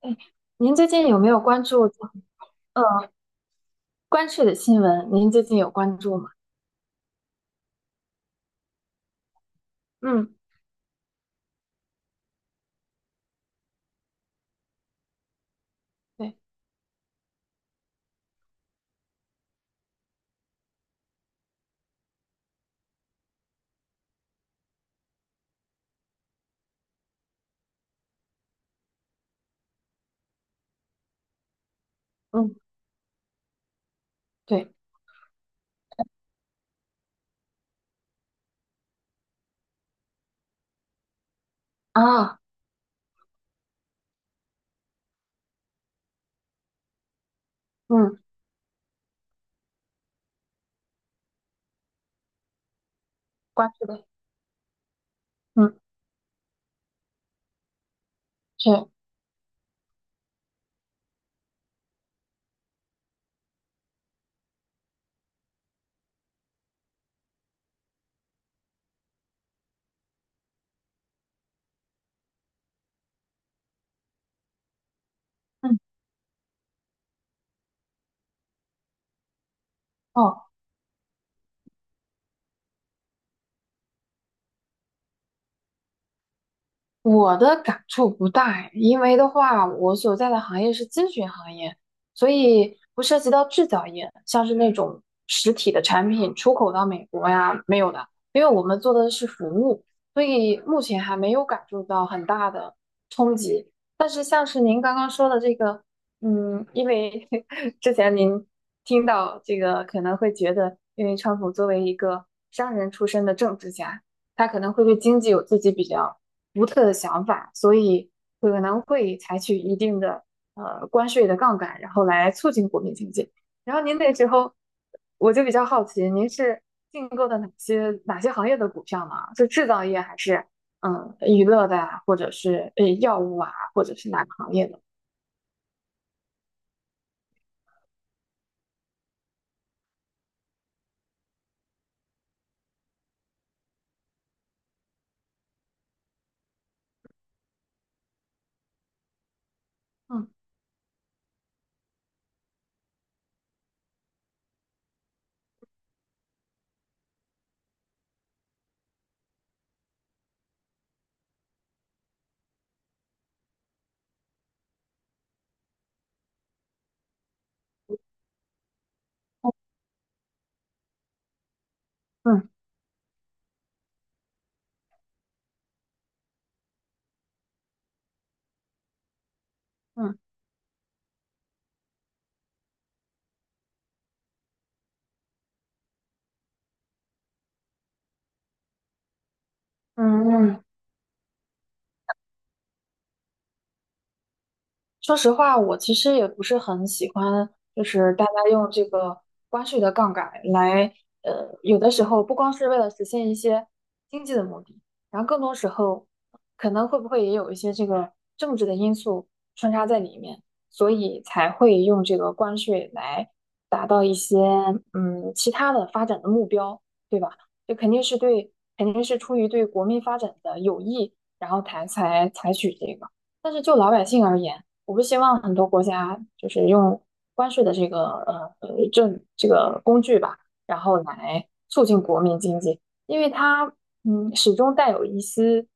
哎，您最近有没有关注呃关税的新闻？您最近有关注吗？嗯，对，嗯，对啊，嗯，关税的，嗯，是，嗯，哦。我的感触不大哎，因为的话，我所在的行业是咨询行业，所以不涉及到制造业，像是那种实体的产品出口到美国呀，没有的，因为我们做的是服务，所以目前还没有感受到很大的冲击。但是像是您刚刚说的这个，嗯，因为 之前您听到这个可能会觉得，因为川普作为一个商人出身的政治家，他可能会对经济有自己比较独特的想法，所以可能会采取一定的关税的杠杆，然后来促进国民经济。然后您那时候，我就比较好奇，您是竞购的哪些行业的股票呢？是制造业还是嗯娱乐的啊，或者是药物啊，或者是哪个行业的？嗯嗯嗯嗯嗯嗯。说实话，我其实也不是很喜欢，就是大家用这个关税的杠杆来，呃，有的时候不光是为了实现一些经济的目的，然后更多时候可能会不会也有一些这个政治的因素穿插在里面，所以才会用这个关税来达到一些嗯其他的发展的目标，对吧？就肯定是对，肯定是出于对国民发展的有益，然后才采取这个。但是就老百姓而言，我不希望很多国家就是用关税的这个这这个工具吧，然后来促进国民经济，因为它嗯始终带有一丝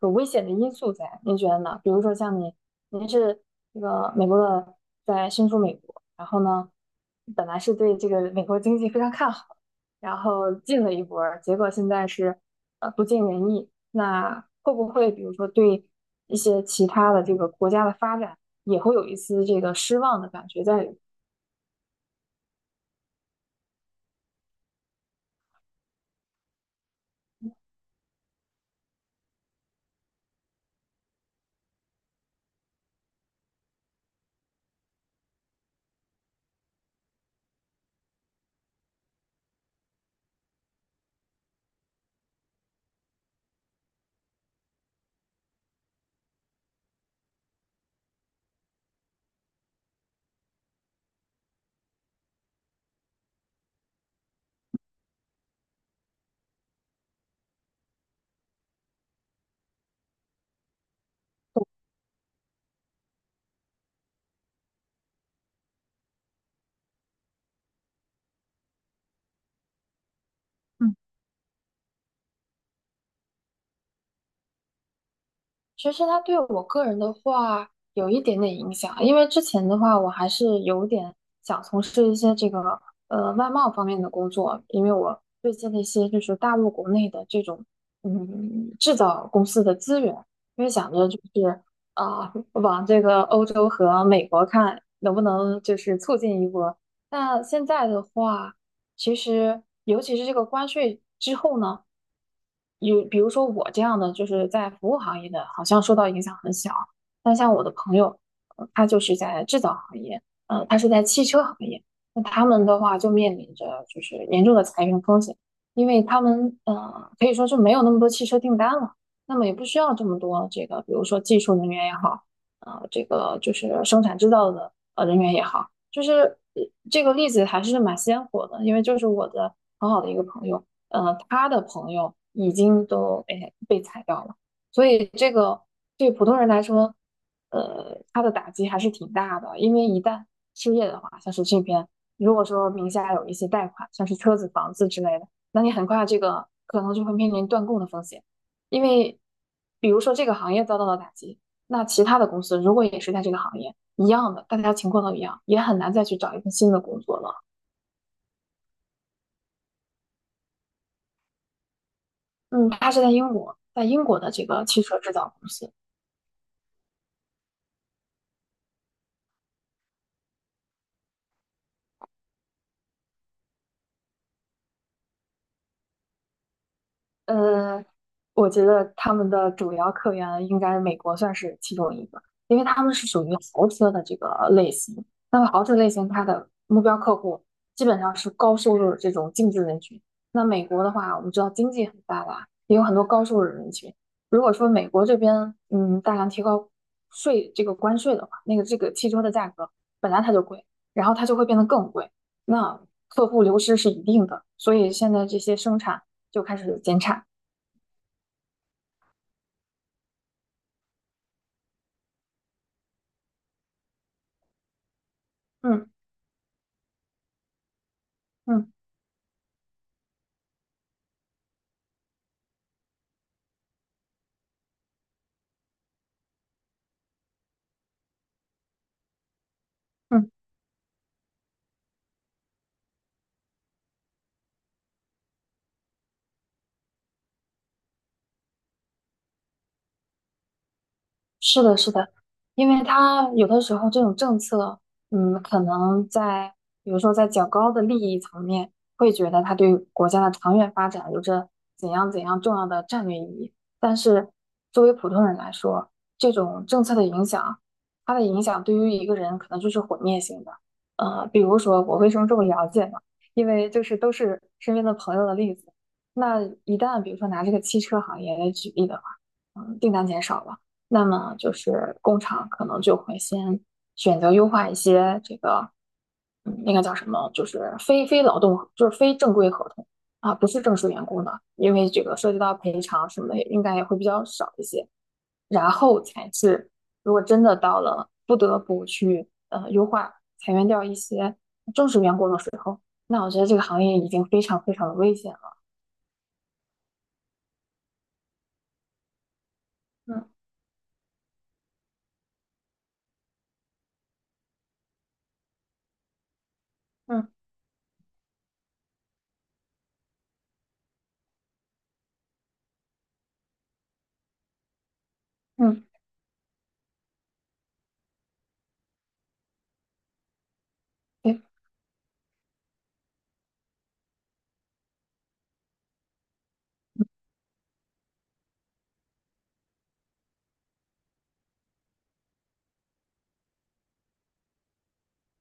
有危险的因素在。您觉得呢？比如说像你，您是这个美国的，在身处美国，然后呢，本来是对这个美国经济非常看好，然后进了一波儿，结果现在是不尽人意，那会不会比如说对？一些其他的这个国家的发展也会有一丝这个失望的感觉在里。嗯其实它对我个人的话有一点点影响，因为之前的话我还是有点想从事一些这个外贸方面的工作，因为我对接的一些就是大陆国内的这种嗯制造公司的资源，因为想着就是啊、往这个欧洲和美国看能不能就是促进一波。那现在的话，其实尤其是这个关税之后呢，有比如说我这样的，就是在服务行业的，好像受到影响很小。那像我的朋友，他就是在制造行业，呃，他是在汽车行业，那他们的话就面临着就是严重的裁员风险，因为他们可以说是没有那么多汽车订单了，那么也不需要这么多这个，比如说技术人员也好，呃，这个就是生产制造的人员也好。就是呃这个例子还是蛮鲜活的，因为就是我的很好的一个朋友，呃，他的朋友已经都哎被裁掉了，所以这个对普通人来说，呃，他的打击还是挺大的，因为一旦失业的话，像是这边如果说名下有一些贷款，像是车子、房子之类的，那你很快这个可能就会面临断供的风险，因为比如说这个行业遭到了打击，那其他的公司如果也是在这个行业，一样的，大家情况都一样，也很难再去找一份新的工作了。嗯，他是在英国，在英国的这个汽车制造公司，呃，我觉得他们的主要客源应该美国算是其中一个，因为他们是属于豪车的这个类型。那么豪车类型，它的目标客户基本上是高收入的这种精致人群。那美国的话，我们知道经济很发达，也有很多高收入人群。如果说美国这边嗯大量提高税这个关税的话，那个这个汽车的价格本来它就贵，然后它就会变得更贵，那客户流失是一定的。所以现在这些生产，就开始减产。嗯嗯嗯。是的，是的，因为它有的时候这种政策，嗯，可能在比如说在较高的利益层面，会觉得它对国家的长远发展有着怎样怎样重要的战略意义。但是作为普通人来说，这种政策的影响，它的影响对于一个人可能就是毁灭性的。呃，比如说我为什么这么了解呢？因为就是都是身边的朋友的例子。那一旦比如说拿这个汽车行业来举例的话，嗯，订单减少了。那么就是工厂可能就会先选择优化一些这个，嗯，那个叫什么，就是非劳动，就是非正规合同啊，不是正式员工的，因为这个涉及到赔偿什么的，应该也会比较少一些。然后才是，如果真的到了不得不去优化裁员掉一些正式员工的时候，那我觉得这个行业已经非常的危险了。嗯嗯嗯，对。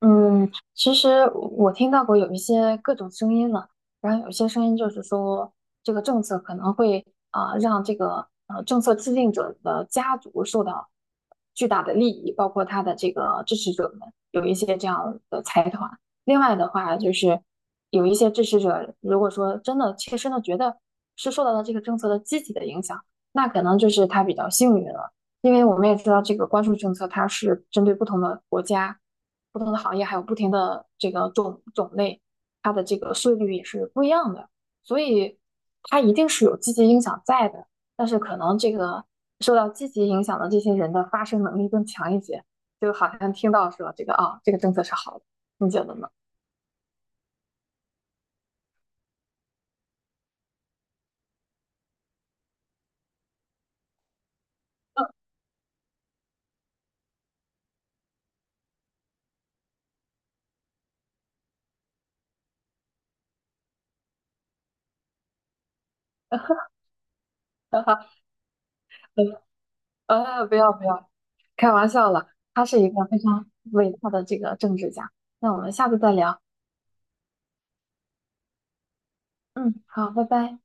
嗯，其实我听到过有一些各种声音了，然后有一些声音就是说，这个政策可能会啊、让这个政策制定者的家族受到巨大的利益，包括他的这个支持者们有一些这样的财团。另外的话，就是有一些支持者，如果说真的切身的觉得是受到了这个政策的积极的影响，那可能就是他比较幸运了，因为我们也知道这个关税政策它是针对不同的国家。不同的行业还有不停的这个种种类，它的这个税率也是不一样的，所以它一定是有积极影响在的，但是可能这个受到积极影响的这些人的发声能力更强一些，就好像听到说这个啊，这个政策是好的，你觉得呢？呃，不要不要，开玩笑了，他是一个非常伟大的这个政治家，那我们下次再聊，嗯，好，拜拜。